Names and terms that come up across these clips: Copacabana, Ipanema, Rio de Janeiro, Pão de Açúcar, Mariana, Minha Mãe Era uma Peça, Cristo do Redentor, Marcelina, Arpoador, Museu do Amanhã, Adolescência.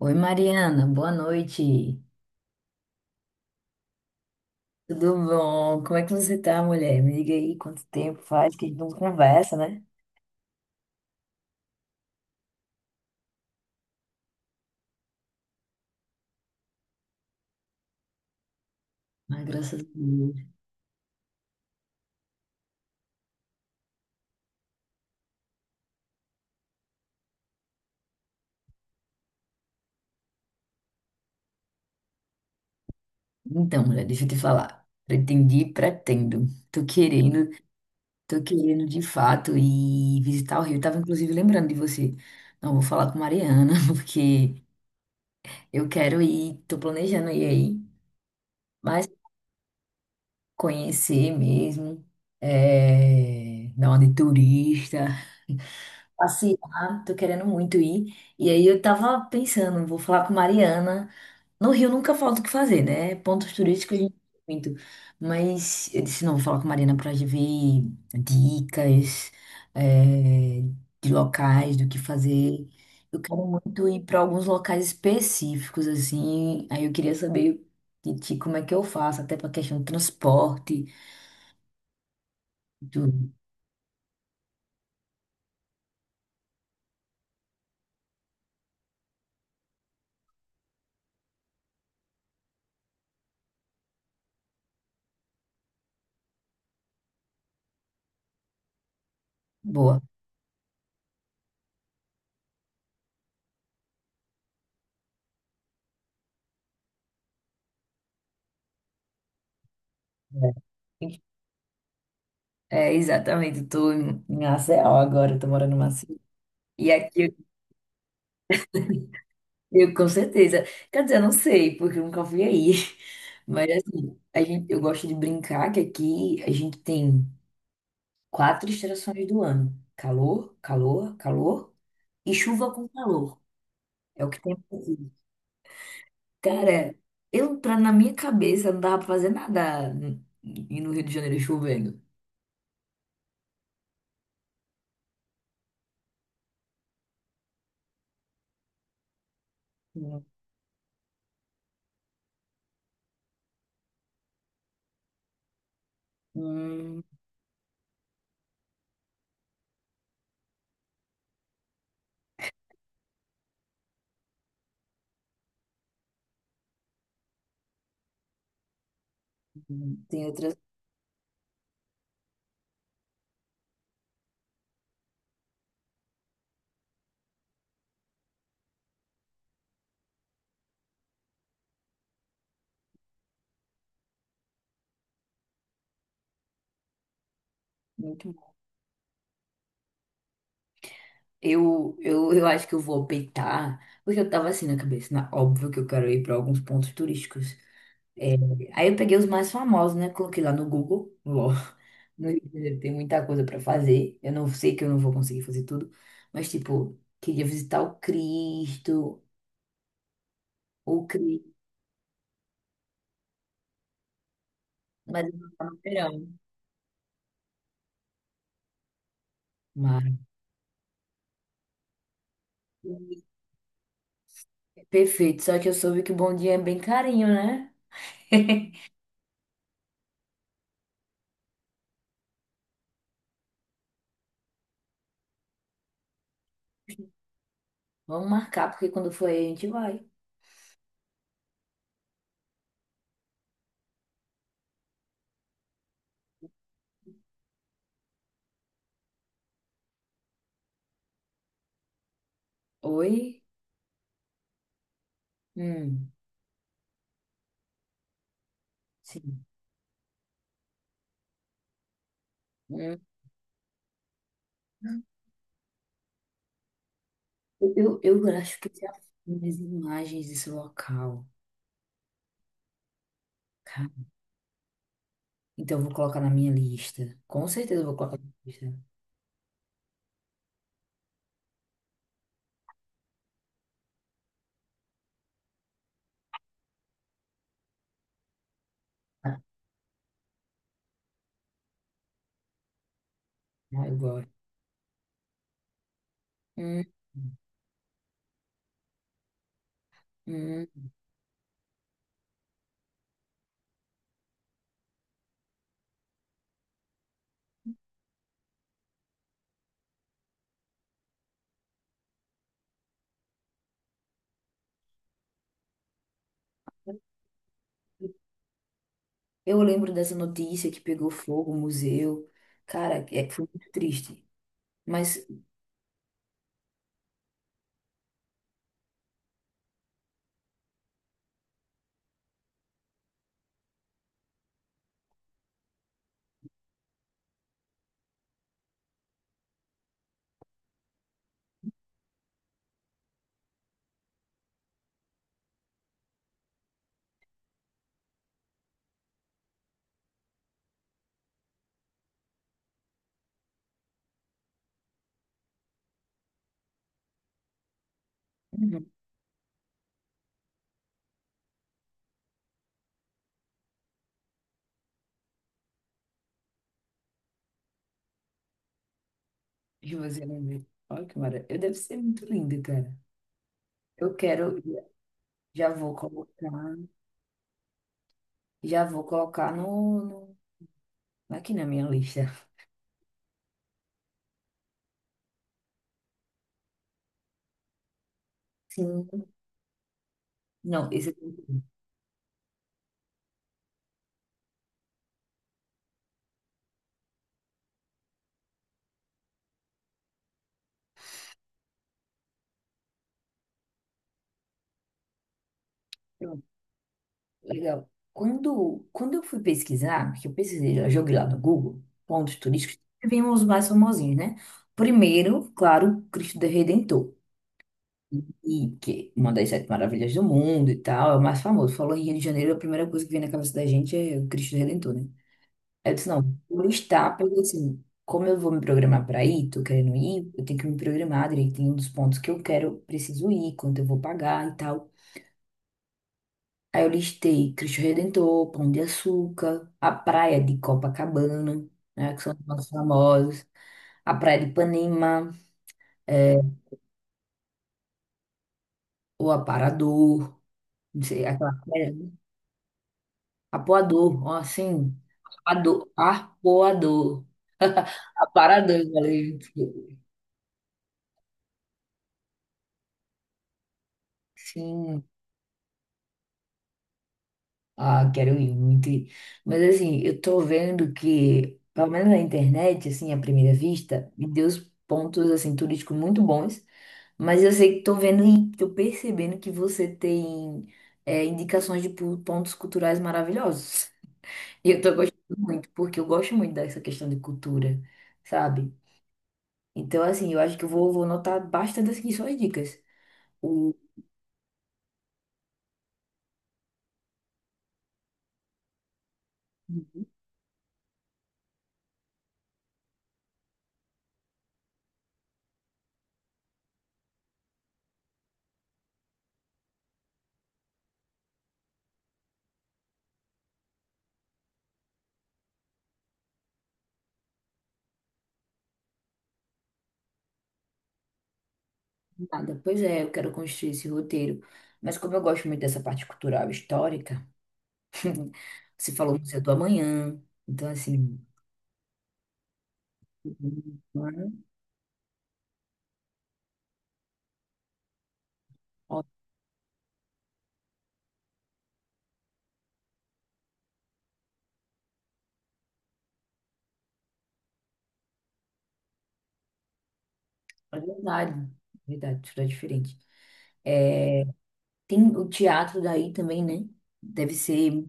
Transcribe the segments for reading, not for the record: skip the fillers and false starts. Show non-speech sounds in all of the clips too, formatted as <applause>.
Oi, Mariana, boa noite. Tudo bom? Como é que você tá, mulher? Me diga aí quanto tempo faz que a gente não conversa, né? Mas graças a Deus. Então, mulher, deixa eu te falar. Pretendi, pretendo. Tô querendo, tô querendo de fato ir visitar o Rio. Tava inclusive lembrando de você. Não, vou falar com Mariana, <laughs> porque eu quero ir, tô planejando ir aí, mas conhecer mesmo, dar uma de turista, passear, tô querendo muito ir. E aí eu tava pensando, vou falar com Mariana. No Rio nunca falta o que fazer, né? Pontos turísticos a gente tem muito. Mas eu disse, não, vou falar com Mariana pra gente ver dicas, é, de locais, do que fazer. Eu quero muito ir pra alguns locais específicos, assim. Aí eu queria saber de ti como é que eu faço, até pra questão do transporte, tudo. Boa. É. É, exatamente. Estou em Maceió agora. Estou morando em Maceió. E aqui eu com certeza. Quer dizer, eu não sei, porque eu nunca fui aí. <laughs> Mas assim, a gente, eu gosto de brincar que aqui a gente tem quatro estações do ano: calor, calor, calor e chuva com calor. É o que tem aqui. Cara, na minha cabeça, não dava pra fazer nada n- e no Rio de Janeiro chovendo. Hum, hum, tem outras. Eu acho que eu vou optar, porque eu tava assim na cabeça, óbvio que eu quero ir para alguns pontos turísticos. É, aí eu peguei os mais famosos, né? Coloquei lá no Google, <laughs> lol. No Rio de Janeiro tem muita coisa para fazer. Eu não sei que eu não vou conseguir fazer tudo, mas tipo, queria visitar o Cristo, o Cristo, mas eu não tava no verão. Mas, perfeito, só que eu soube que o Bom Dia é bem carinho, né? <laughs> Vamos marcar, porque quando for aí a gente vai. Oi? Hum, sim. Hum. Eu acho que eu já fiz imagens desse local, cara. Então eu vou colocar na minha lista. Com certeza eu vou colocar na minha lista. Ah, eu gosto. Hum, hum. Eu lembro dessa notícia que pegou fogo o museu. Cara, é que foi muito triste. Mas uhum, eu vou fazer um museu. Olha que maravilha. Eu deve ser muito lindo, cara. Eu quero, já vou colocar, já vou colocar no, aqui na minha lista. Sim. Não, esse é legal. Quando eu fui pesquisar, que eu pesquisei, eu joguei lá no Google, pontos turísticos, e vimos os mais famosinhos, né? Primeiro, claro, Cristo do Redentor, e que é uma das sete maravilhas do mundo e tal, é o mais famoso. Falou em Rio de Janeiro, a primeira coisa que vem na cabeça da gente é o Cristo do Redentor, né? Aí eu disse, não, vou listar, porque assim, como eu vou me programar para ir, tô querendo ir, eu tenho que me programar direitinho dos pontos que eu quero, preciso ir, quanto eu vou pagar e tal. Aí eu listei Cristo Redentor, Pão de Açúcar, a praia de Copacabana, né, que são os mais famosos, a praia de Ipanema, é, o Aparador, não sei, aquela praia, Apoador, ó, assim, Apoador, Arpoador, <laughs> Aparador, valeu, sim. Ah, quero ir muito ir. Mas assim, eu tô vendo que, pelo menos na internet, assim, à primeira vista, me deu os pontos, assim, turísticos muito bons. Mas eu sei que tô vendo e tô percebendo que você tem indicações de pontos culturais maravilhosos. <laughs> E eu tô gostando muito, porque eu gosto muito dessa questão de cultura, sabe? Então, assim, eu acho que vou anotar bastante aqui suas dicas. O nada, pois é, eu quero construir esse roteiro. Mas como eu gosto muito dessa parte cultural e histórica, <laughs> você falou o Museu do Amanhã. Então, assim, ó, é verdade, verdade, tudo é diferente. É, tem o teatro daí também, né? Deve ser.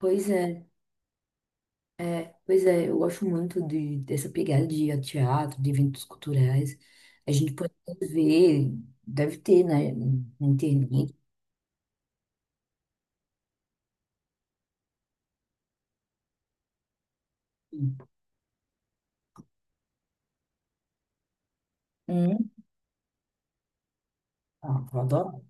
Pois é, pois é, eu gosto muito dessa pegada de ir a teatro, de eventos culturais. A gente pode ver, deve ter, né? Na internet. Hum, ah, eu adoro.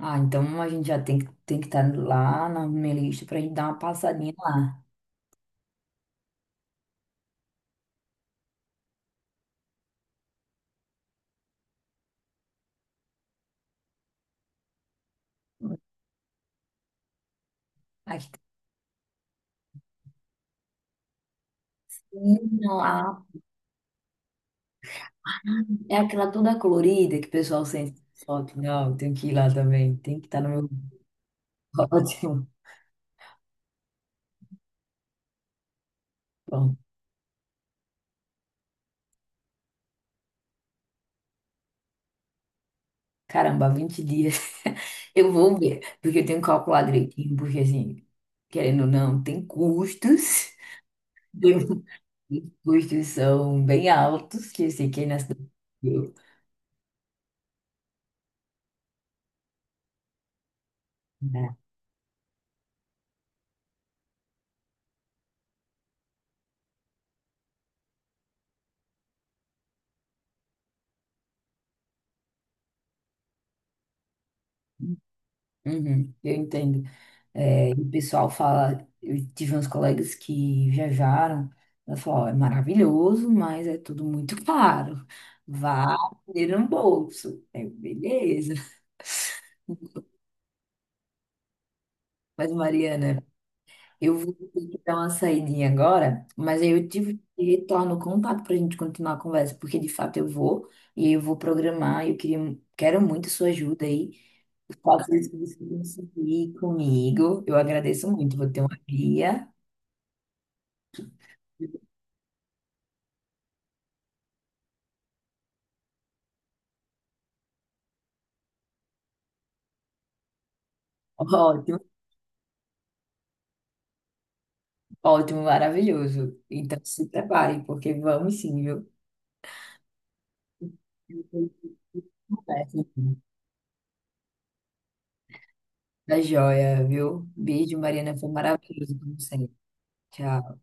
Ah, então a gente já tem que estar lá na minha lista pra gente dar uma passadinha lá. Não, a- é aquela toda colorida que o pessoal sente foto. Não, tem que ir lá também. Tem que estar no meu <laughs> ótimo. Bom, caramba, 20 dias. <laughs> Eu vou ver, porque eu tenho que calcular direitinho, porque assim, querendo ou não, tem custos. <laughs> Tem- os custos são bem altos, que eu sei que é na cidade. Eu, né? Uhum, eu entendo. É, e o pessoal fala, eu tive uns colegas que viajaram, ela falou, "Ó, é maravilhoso, mas é tudo muito <laughs> caro. Vá ter um bolso. Eu, beleza. Mas, Mariana, eu vou ter que dar uma saidinha agora, mas aí eu tive que retorno o contato para a gente continuar a conversa, porque de fato eu vou, e eu vou programar, e eu queria, quero muito sua ajuda aí. Os passeios que você conseguir comigo, eu agradeço muito, vou ter uma guia. <laughs> Ótimo. Ótimo, maravilhoso. Então se prepare, porque vamos sim, viu? Depois conversa, então. Tá joia, viu? Beijo, Mariana. Foi maravilhoso, como sempre. Tchau.